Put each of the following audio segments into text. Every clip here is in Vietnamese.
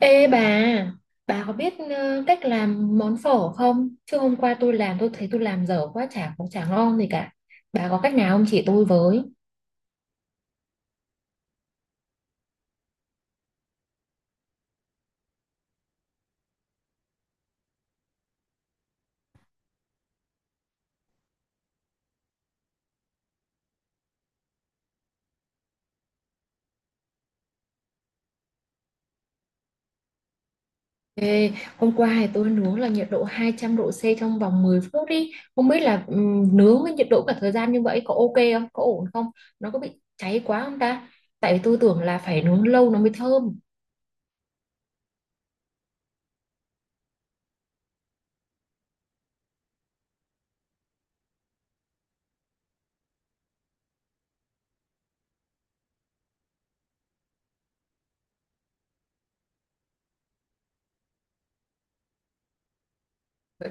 Ê bà có biết cách làm món phở không? Chứ hôm qua tôi làm tôi thấy tôi làm dở quá, chả cũng chả ngon gì cả. Bà có cách nào không, chỉ tôi với? Ê, hôm qua thì tôi nướng là nhiệt độ 200 độ C trong vòng 10 phút đi. Không biết là nướng với nhiệt độ cả thời gian như vậy có ok không? Có ổn không? Nó có bị cháy quá không ta? Tại vì tôi tưởng là phải nướng lâu nó mới thơm.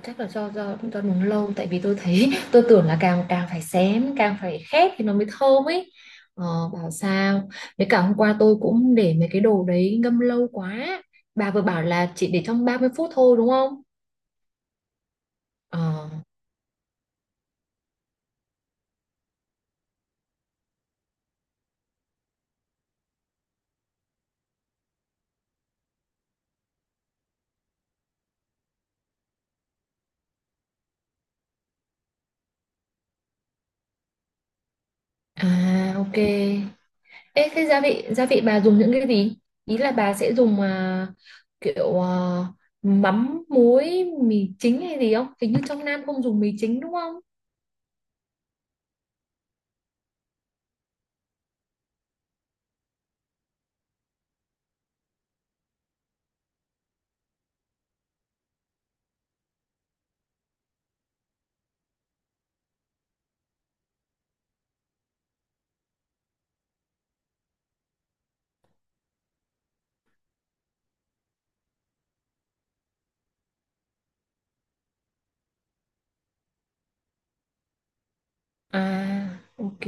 Chắc là do nướng lâu, tại vì tôi thấy tôi tưởng là càng càng phải xém càng phải khét thì nó mới thơm ấy. ờ, Bảo sao. Với cả hôm qua tôi cũng để mấy cái đồ đấy ngâm lâu quá, bà vừa bảo là chỉ để trong 30 phút thôi đúng không? Ờ. À, ok. Ê, thế gia vị bà dùng những cái gì? Ý là bà sẽ dùng kiểu mắm muối mì chính hay gì không, hình như trong Nam không dùng mì chính đúng không? À, ok.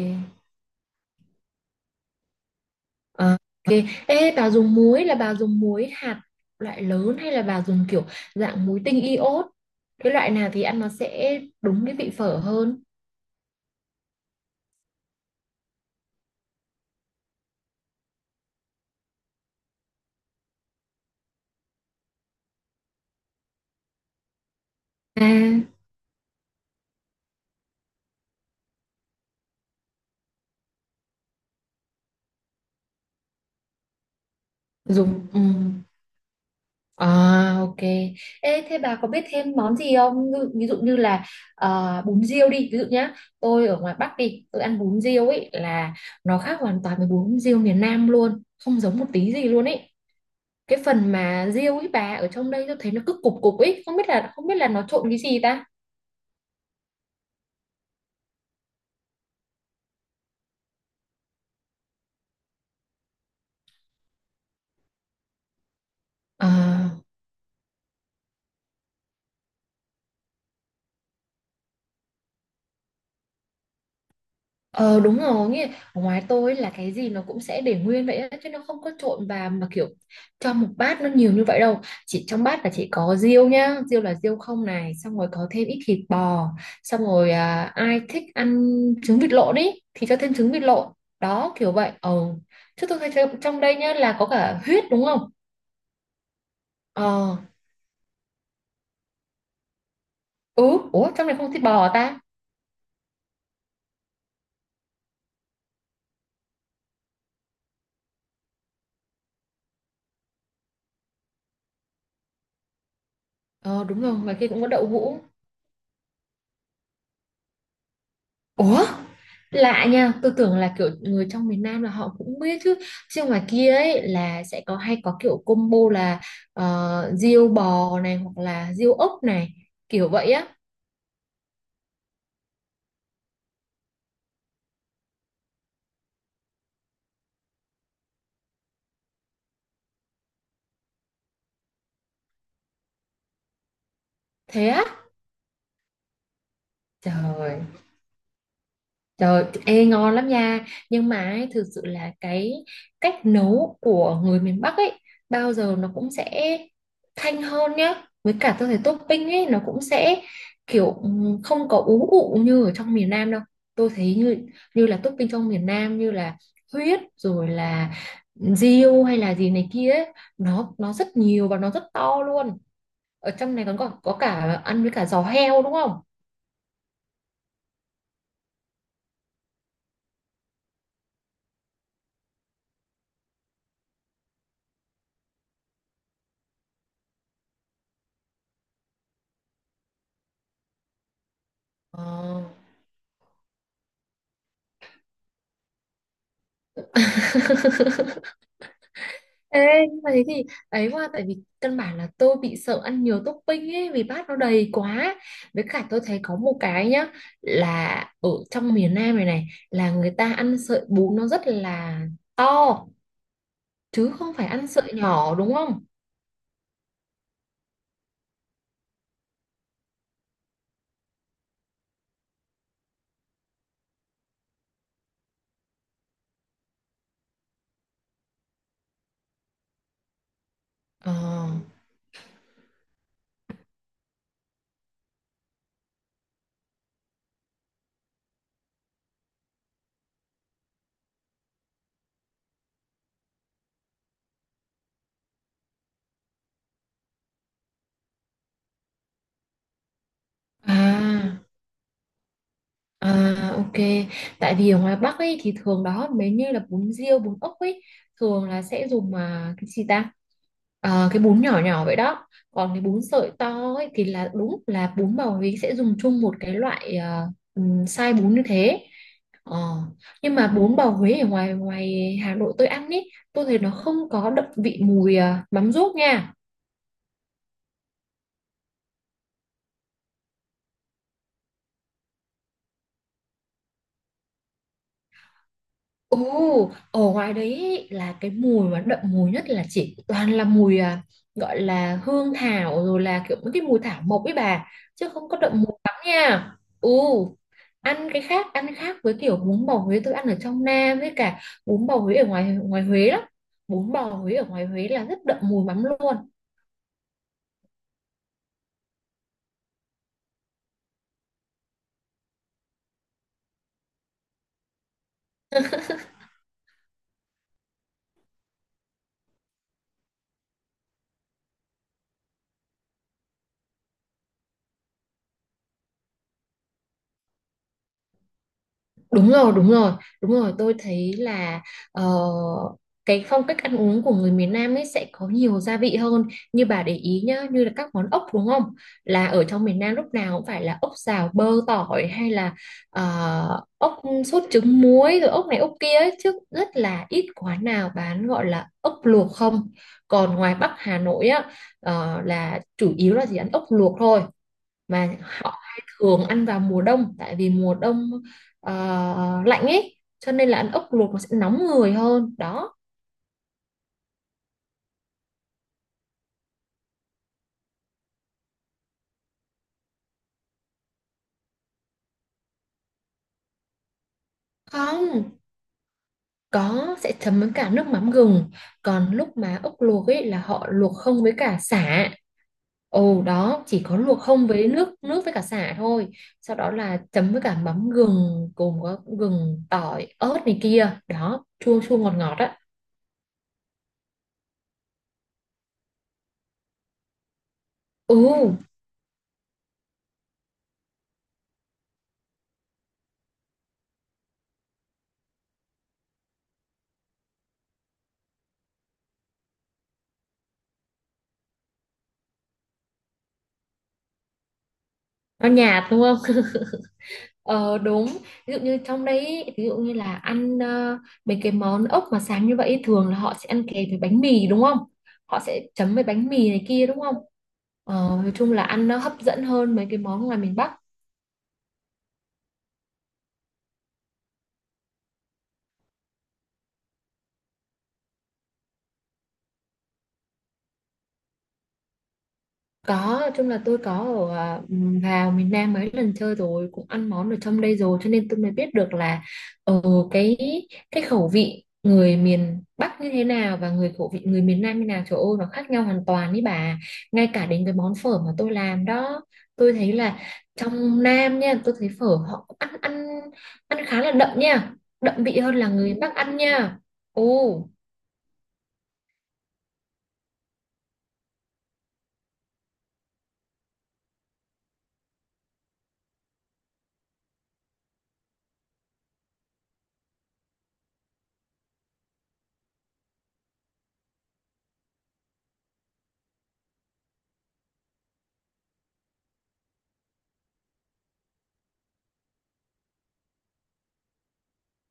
À, ok. Ê, bà dùng muối là bà dùng muối hạt loại lớn hay là bà dùng kiểu dạng muối tinh iốt? Cái loại nào thì ăn nó sẽ đúng cái vị phở hơn? À, dùng ừ. À, ok. Ê, thế bà có biết thêm món gì không? Ví ví dụ như là bún riêu đi. Ví dụ nhá, tôi ở ngoài Bắc đi, tôi ăn bún riêu ấy là nó khác hoàn toàn với bún riêu miền Nam luôn, không giống một tí gì luôn ấy. Cái phần mà riêu ấy bà, ở trong đây tôi thấy nó cứ cục cục ấy, không biết là nó trộn cái gì ta. Ờ, ờ, đúng rồi nghe. Ở ngoài tôi là cái gì nó cũng sẽ để nguyên vậy á, chứ nó không có trộn vào mà kiểu cho một bát nó nhiều như vậy đâu. Chỉ trong bát là chỉ có riêu nhá, riêu là riêu không này, xong rồi có thêm ít thịt bò, xong rồi ai thích ăn trứng vịt lộn ý thì cho thêm trứng vịt lộn. Đó kiểu vậy. Ờ Chứ tôi thấy trong trong đây nhá là có cả huyết đúng không? Ờ. Ừ. Ủa, trong này không có thịt bò ta? Ờ đúng rồi, ngoài kia cũng có đậu hũ. Ủa? Lạ nha, tôi tưởng là kiểu người trong miền Nam là họ cũng biết chứ. Chứ ngoài kia ấy là sẽ có hay có kiểu combo là riêu bò này hoặc là riêu ốc này, kiểu vậy á. Thế á? Trời. Trời, ê, ngon lắm nha. Nhưng mà ấy, thực sự là cái cách nấu của người miền Bắc ấy bao giờ nó cũng sẽ thanh hơn nhá. Với cả tôi thấy topping ấy nó cũng sẽ kiểu không có ú ụ như ở trong miền Nam đâu. Tôi thấy như như là topping trong miền Nam như là huyết rồi là riêu hay là gì này kia ấy, nó rất nhiều và nó rất to luôn. Ở trong này còn có cả ăn với cả giò heo đúng không? Ờ. Ê, nhưng mà thế thì ấy quá, tại vì căn bản là tôi bị sợ ăn nhiều topping ấy vì bát nó đầy quá. Với cả tôi thấy có một cái nhá, là ở trong miền Nam này này là người ta ăn sợi bún nó rất là to, chứ không phải ăn sợi nhỏ đúng không? Ờ. À. À ok, tại vì ở ngoài Bắc ấy thì thường đó mấy như là bún riêu, bún ốc ấy thường là sẽ dùng cái gì ta? Ờ, cái bún nhỏ nhỏ vậy đó. Còn cái bún sợi to ấy thì là đúng là bún bào Huế sẽ dùng chung một cái loại size bún như thế. Ờ, nhưng mà bún bào Huế ở ngoài ngoài Hà Nội tôi ăn ấy, tôi thấy nó không có đậm vị mùi mắm ruốc nha. Ồ, ở ngoài đấy ý, là cái mùi mà đậm mùi nhất là chỉ toàn là mùi gọi là hương thảo rồi là kiểu mấy cái mùi thảo mộc ấy bà, chứ không có đậm mùi lắm nha. Ồ, ăn cái khác, ăn khác với kiểu bún bò Huế tôi ăn ở trong Nam, với cả bún bò Huế ở ngoài ngoài Huế lắm. Bún bò Huế ở ngoài Huế là rất đậm mùi lắm luôn. Đúng rồi, đúng rồi, đúng rồi. Tôi thấy là ờ, cái phong cách ăn uống của người miền Nam ấy sẽ có nhiều gia vị hơn. Như bà để ý nhá, như là các món ốc đúng không? Là ở trong miền Nam lúc nào cũng phải là ốc xào bơ tỏi hay là ốc sốt trứng muối rồi ốc này ốc kia ấy. Chứ rất là ít quán nào bán gọi là ốc luộc không. Còn ngoài Bắc Hà Nội á, là chủ yếu là chỉ ăn ốc luộc thôi, mà họ hay thường ăn vào mùa đông, tại vì mùa đông ờ, lạnh ấy cho nên là ăn ốc luộc nó sẽ nóng người hơn đó. Không, có sẽ chấm với cả nước mắm gừng, còn lúc mà ốc luộc ấy là họ luộc không với cả sả. Ồ, đó chỉ có luộc không với nước nước với cả sả thôi, sau đó là chấm với cả mắm gừng cùng có gừng tỏi ớt này kia đó, chua chua ngọt ngọt á. Ừ. Nó nhạt đúng không? Ờ đúng, ví dụ như trong đấy ý, ví dụ như là ăn mấy cái món ốc mà sáng như vậy ý, thường là họ sẽ ăn kèm với bánh mì đúng không? Họ sẽ chấm với bánh mì này kia đúng không? Ờ, nói chung là ăn nó hấp dẫn hơn mấy cái món ngoài miền Bắc. Có, nói chung là tôi có ở vào miền Nam mấy lần chơi rồi, cũng ăn món ở trong đây rồi, cho nên tôi mới biết được là ở cái cái khẩu vị người miền Bắc như thế nào và người khẩu vị người miền Nam như nào, trời ơi nó khác nhau hoàn toàn ý bà. Ngay cả đến cái món phở mà tôi làm đó, tôi thấy là trong Nam nha, tôi thấy phở họ cũng ăn ăn ăn khá là đậm nha, đậm vị hơn là người Bắc ăn nha. Ồ,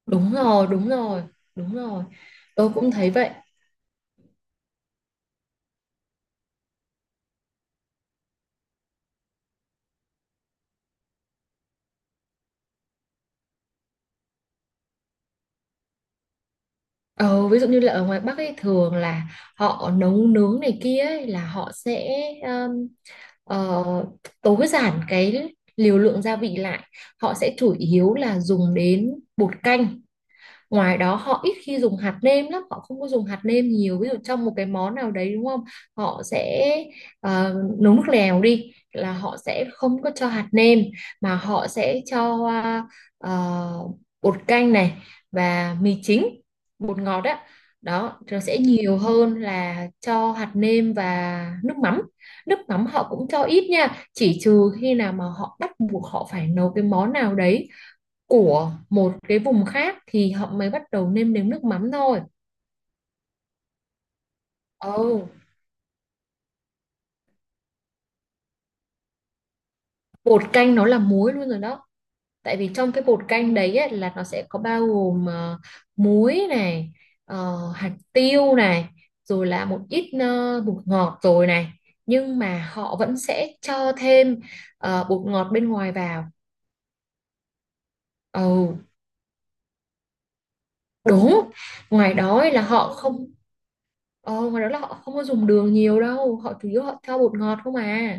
đúng rồi, đúng rồi, đúng rồi. Tôi cũng thấy vậy. Ờ, ví dụ như là ở ngoài Bắc ấy thường là họ nấu nướng này kia ấy, là họ sẽ um, ờ, tối giản cái liều lượng gia vị lại, họ sẽ chủ yếu là dùng đến bột canh. Ngoài đó họ ít khi dùng hạt nêm lắm, họ không có dùng hạt nêm nhiều. Ví dụ trong một cái món nào đấy đúng không? Họ sẽ ờ, nấu nước lèo đi là họ sẽ không có cho hạt nêm, mà họ sẽ cho ờ, bột canh này và mì chính, bột ngọt đó. Đó, rồi sẽ nhiều hơn là cho hạt nêm và nước mắm. Nước mắm họ cũng cho ít nha, chỉ trừ khi nào mà họ bắt buộc họ phải nấu cái món nào đấy của một cái vùng khác thì họ mới bắt đầu nêm nếm nước mắm thôi. Ồ, bột canh nó là muối luôn rồi đó. Tại vì trong cái bột canh đấy ấy, là nó sẽ có bao gồm muối này, hạt tiêu này, rồi là một ít bột ngọt rồi này. Nhưng mà họ vẫn sẽ cho thêm bột ngọt bên ngoài vào. Ồ, đúng. Ngoài đó ấy là họ không. Ờ, Ngoài đó là họ không có dùng đường nhiều đâu, họ chủ yếu họ cho bột ngọt không à.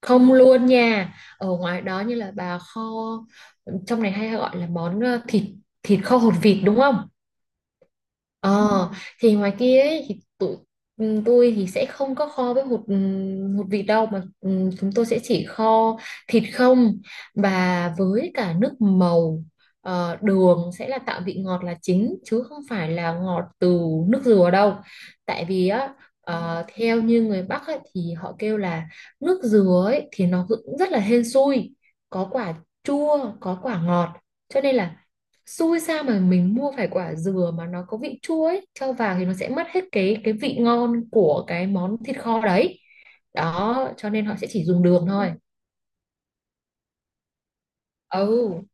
Không luôn nha. Ở ngoài đó, như là bà kho trong này hay gọi là món thịt thịt kho hột vịt đúng không? Ờ, thì ngoài kia ấy, thì tụi tôi thì sẽ không có kho với hột vịt đâu, mà chúng tôi sẽ chỉ kho thịt không và với cả nước màu. Ờ, đường sẽ là tạo vị ngọt là chính chứ không phải là ngọt từ nước dừa đâu. Tại vì á, theo như người Bắc ấy, thì họ kêu là nước dừa ấy, thì nó cũng rất là hên xui, có quả chua có quả ngọt, cho nên là xui sao mà mình mua phải quả dừa mà nó có vị chua ấy cho vào thì nó sẽ mất hết cái vị ngon của cái món thịt kho đấy. Đó cho nên họ sẽ chỉ dùng đường thôi. Ừ.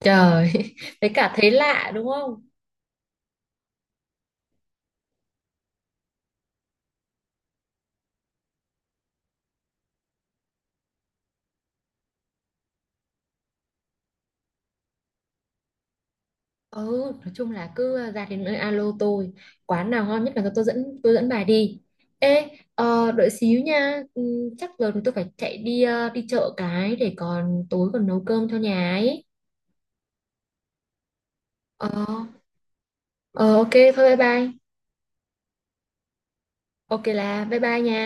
Trời, với cả thấy lạ đúng không? Ừ, nói chung là cứ ra đến nơi alo tôi, quán nào ngon nhất là tôi dẫn bà đi. Ê, đợi xíu nha. Ừ, chắc giờ thì tôi phải chạy đi đi chợ cái để còn tối còn nấu cơm cho nhà ấy. Ờ. Ờ, ok thôi, bye bye. Ok, là bye bye nha.